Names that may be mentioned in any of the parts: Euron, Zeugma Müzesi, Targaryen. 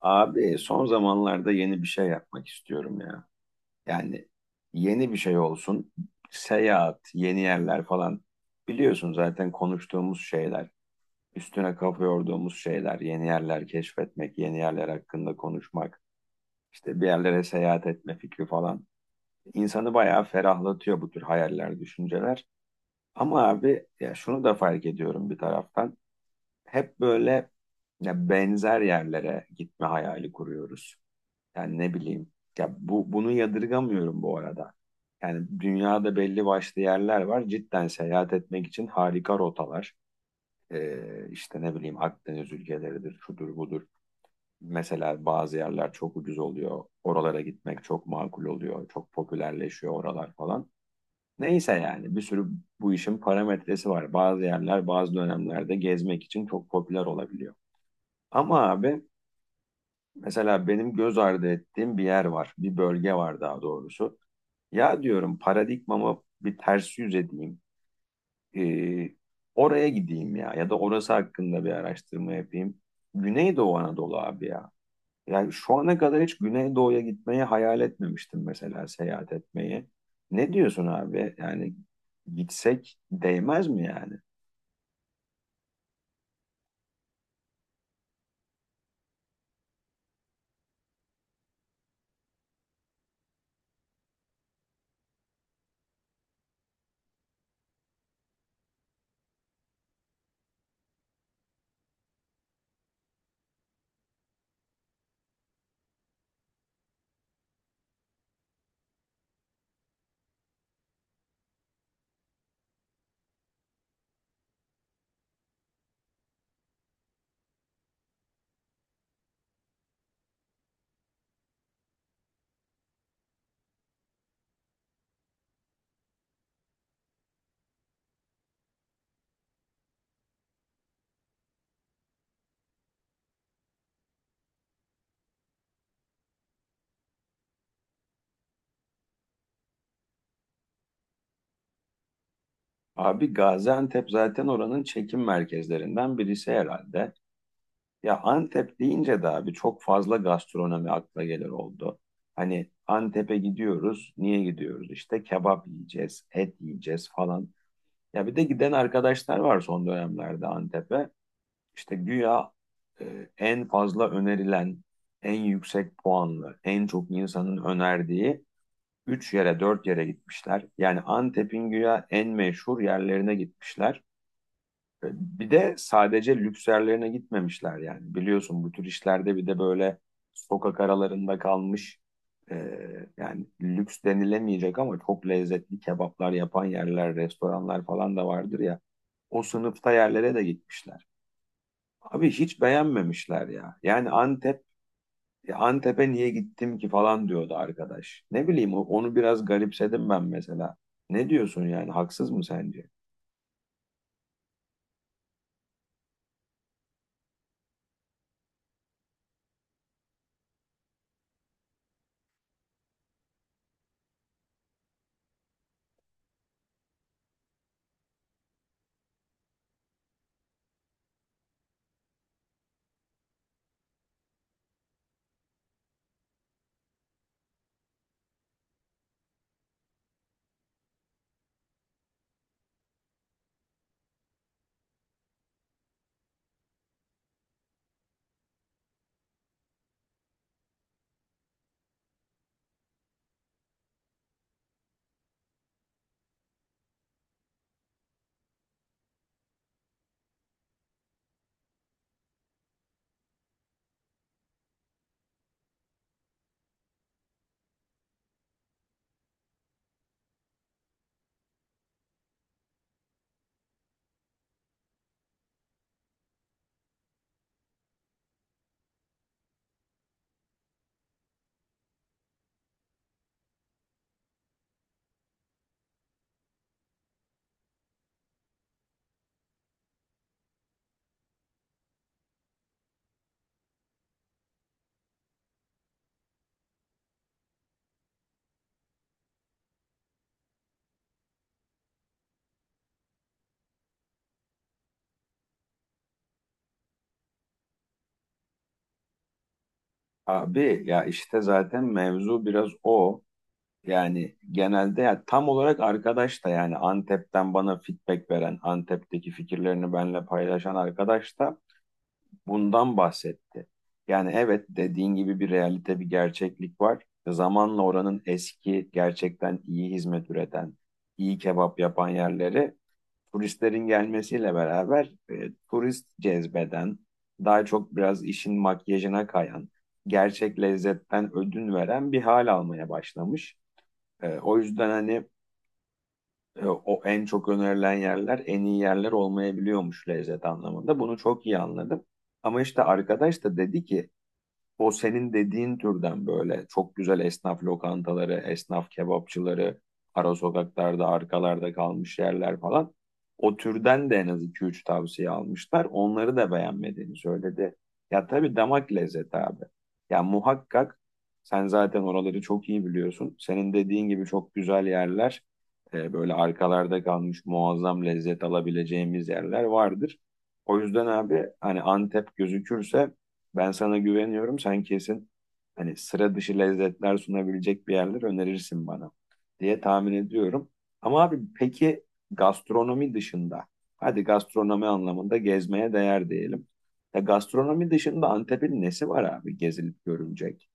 Abi son zamanlarda yeni bir şey yapmak istiyorum ya. Yani yeni bir şey olsun. Seyahat, yeni yerler falan. Biliyorsun zaten konuştuğumuz şeyler. Üstüne kafa yorduğumuz şeyler. Yeni yerler keşfetmek, yeni yerler hakkında konuşmak. İşte bir yerlere seyahat etme fikri falan. İnsanı bayağı ferahlatıyor bu tür hayaller, düşünceler. Ama abi ya şunu da fark ediyorum bir taraftan. Hep böyle ya benzer yerlere gitme hayali kuruyoruz. Yani ne bileyim. Ya bu bunu yadırgamıyorum bu arada. Yani dünyada belli başlı yerler var. Cidden seyahat etmek için harika rotalar. İşte ne bileyim Akdeniz ülkeleridir, şudur budur. Mesela bazı yerler çok ucuz oluyor. Oralara gitmek çok makul oluyor. Çok popülerleşiyor oralar falan. Neyse yani bir sürü bu işin parametresi var. Bazı yerler bazı dönemlerde gezmek için çok popüler olabiliyor. Ama abi mesela benim göz ardı ettiğim bir yer var. Bir bölge var daha doğrusu. Ya diyorum paradigmama bir ters yüz edeyim. Ee, oraya gideyim ya ya da orası hakkında bir araştırma yapayım. Güneydoğu Anadolu abi ya. Yani şu ana kadar hiç Güneydoğu'ya gitmeyi hayal etmemiştim mesela seyahat etmeyi. Ne diyorsun abi? Yani gitsek değmez mi yani? Abi Gaziantep zaten oranın çekim merkezlerinden birisi herhalde. Ya Antep deyince de abi çok fazla gastronomi akla gelir oldu. Hani Antep'e gidiyoruz. Niye gidiyoruz? İşte kebap yiyeceğiz, et yiyeceğiz falan. Ya bir de giden arkadaşlar var son dönemlerde Antep'e. İşte güya en fazla önerilen, en yüksek puanlı, en çok insanın önerdiği 3 yere 4 yere gitmişler. Yani Antep'in güya en meşhur yerlerine gitmişler. Bir de sadece lükslerlerine gitmemişler yani. Biliyorsun bu tür işlerde bir de böyle sokak aralarında kalmış e, yani lüks denilemeyecek ama çok lezzetli kebaplar yapan yerler, restoranlar falan da vardır ya. O sınıfta yerlere de gitmişler. Abi hiç beğenmemişler ya. Yani Antep, Antep'e niye gittim ki falan diyordu arkadaş. Ne bileyim onu biraz garipsedim ben mesela. Ne diyorsun yani haksız mı sence? Abi ya işte zaten mevzu biraz o. Yani genelde ya tam olarak arkadaş da yani Antep'ten bana feedback veren, Antep'teki fikirlerini benimle paylaşan arkadaş da bundan bahsetti. Yani evet dediğin gibi bir realite, bir gerçeklik var. Zamanla oranın eski, gerçekten iyi hizmet üreten, iyi kebap yapan yerleri turistlerin gelmesiyle beraber turist cezbeden, daha çok biraz işin makyajına kayan, gerçek lezzetten ödün veren bir hal almaya başlamış. O yüzden hani o en çok önerilen yerler en iyi yerler olmayabiliyormuş lezzet anlamında. Bunu çok iyi anladım. Ama işte arkadaş da dedi ki o senin dediğin türden böyle çok güzel esnaf lokantaları, esnaf kebapçıları, ara sokaklarda, arkalarda kalmış yerler falan. O türden de en az iki üç tavsiye almışlar. Onları da beğenmediğini söyledi. Ya tabii damak lezzeti abi. Ya muhakkak sen zaten oraları çok iyi biliyorsun. Senin dediğin gibi çok güzel yerler, böyle arkalarda kalmış muazzam lezzet alabileceğimiz yerler vardır. O yüzden abi hani Antep gözükürse ben sana güveniyorum. Sen kesin hani sıra dışı lezzetler sunabilecek bir yerler önerirsin bana diye tahmin ediyorum. Ama abi peki gastronomi dışında, hadi gastronomi anlamında gezmeye değer diyelim. Ya gastronomi dışında Antep'in nesi var abi gezilip görülecek?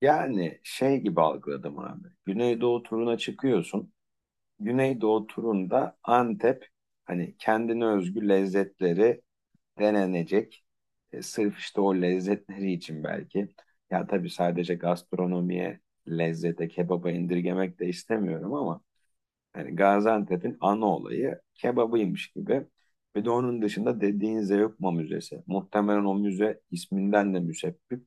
Yani şey gibi algıladım abi. Güneydoğu turuna çıkıyorsun. Güneydoğu turunda Antep hani kendine özgü lezzetleri denenecek. E, sırf işte o lezzetleri için belki. Ya tabii sadece gastronomiye, lezzete, kebaba indirgemek de istemiyorum ama hani Gaziantep'in ana olayı kebabıymış gibi. Bir de onun dışında dediğin Zeugma Müzesi. Muhtemelen o müze isminden de müsebbip.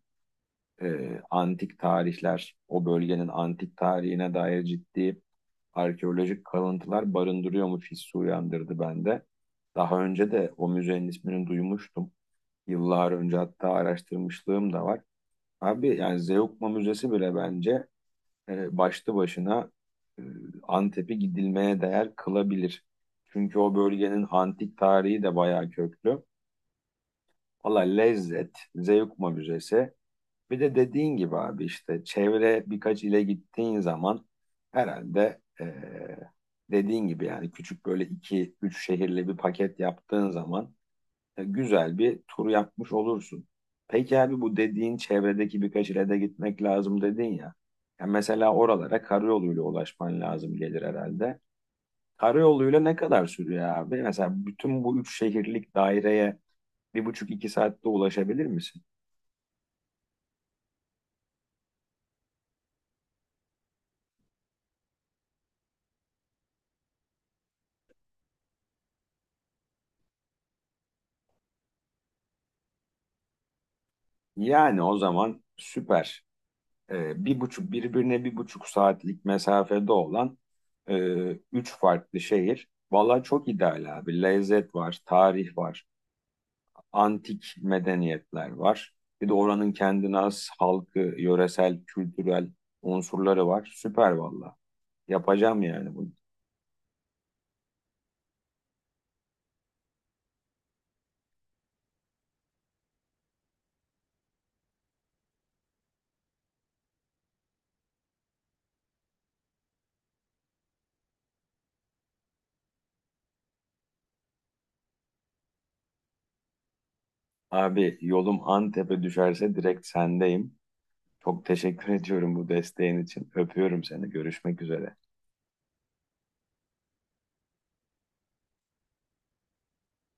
Antik tarihler, o bölgenin antik tarihine dair ciddi arkeolojik kalıntılar barındırıyormuş hissi uyandırdı bende. Daha önce de o müzenin ismini duymuştum. Yıllar önce hatta araştırmışlığım da var. Abi yani Zeugma Müzesi bile bence başlı başına e, Antep'i gidilmeye değer kılabilir. Çünkü o bölgenin antik tarihi de bayağı köklü. Valla lezzet, Zeugma Müzesi. Bir de dediğin gibi abi işte çevre birkaç ile gittiğin zaman herhalde dediğin gibi yani küçük böyle iki üç şehirli bir paket yaptığın zaman güzel bir tur yapmış olursun. Peki abi bu dediğin çevredeki birkaç ile de gitmek lazım dedin ya. Ya mesela oralara karayoluyla ulaşman lazım gelir herhalde. Karayoluyla ne kadar sürüyor abi? Mesela bütün bu üç şehirlik daireye bir buçuk iki saatte ulaşabilir misin? Yani o zaman süper. E, bir buçuk birbirine bir buçuk saatlik mesafede olan e, üç farklı şehir. Valla çok ideal abi. Lezzet var, tarih var. Antik medeniyetler var. Bir de oranın kendine has halkı, yöresel, kültürel unsurları var. Süper valla. Yapacağım yani bunu. Abi yolum Antep'e düşerse direkt sendeyim. Çok teşekkür ediyorum bu desteğin için. Öpüyorum seni. Görüşmek üzere.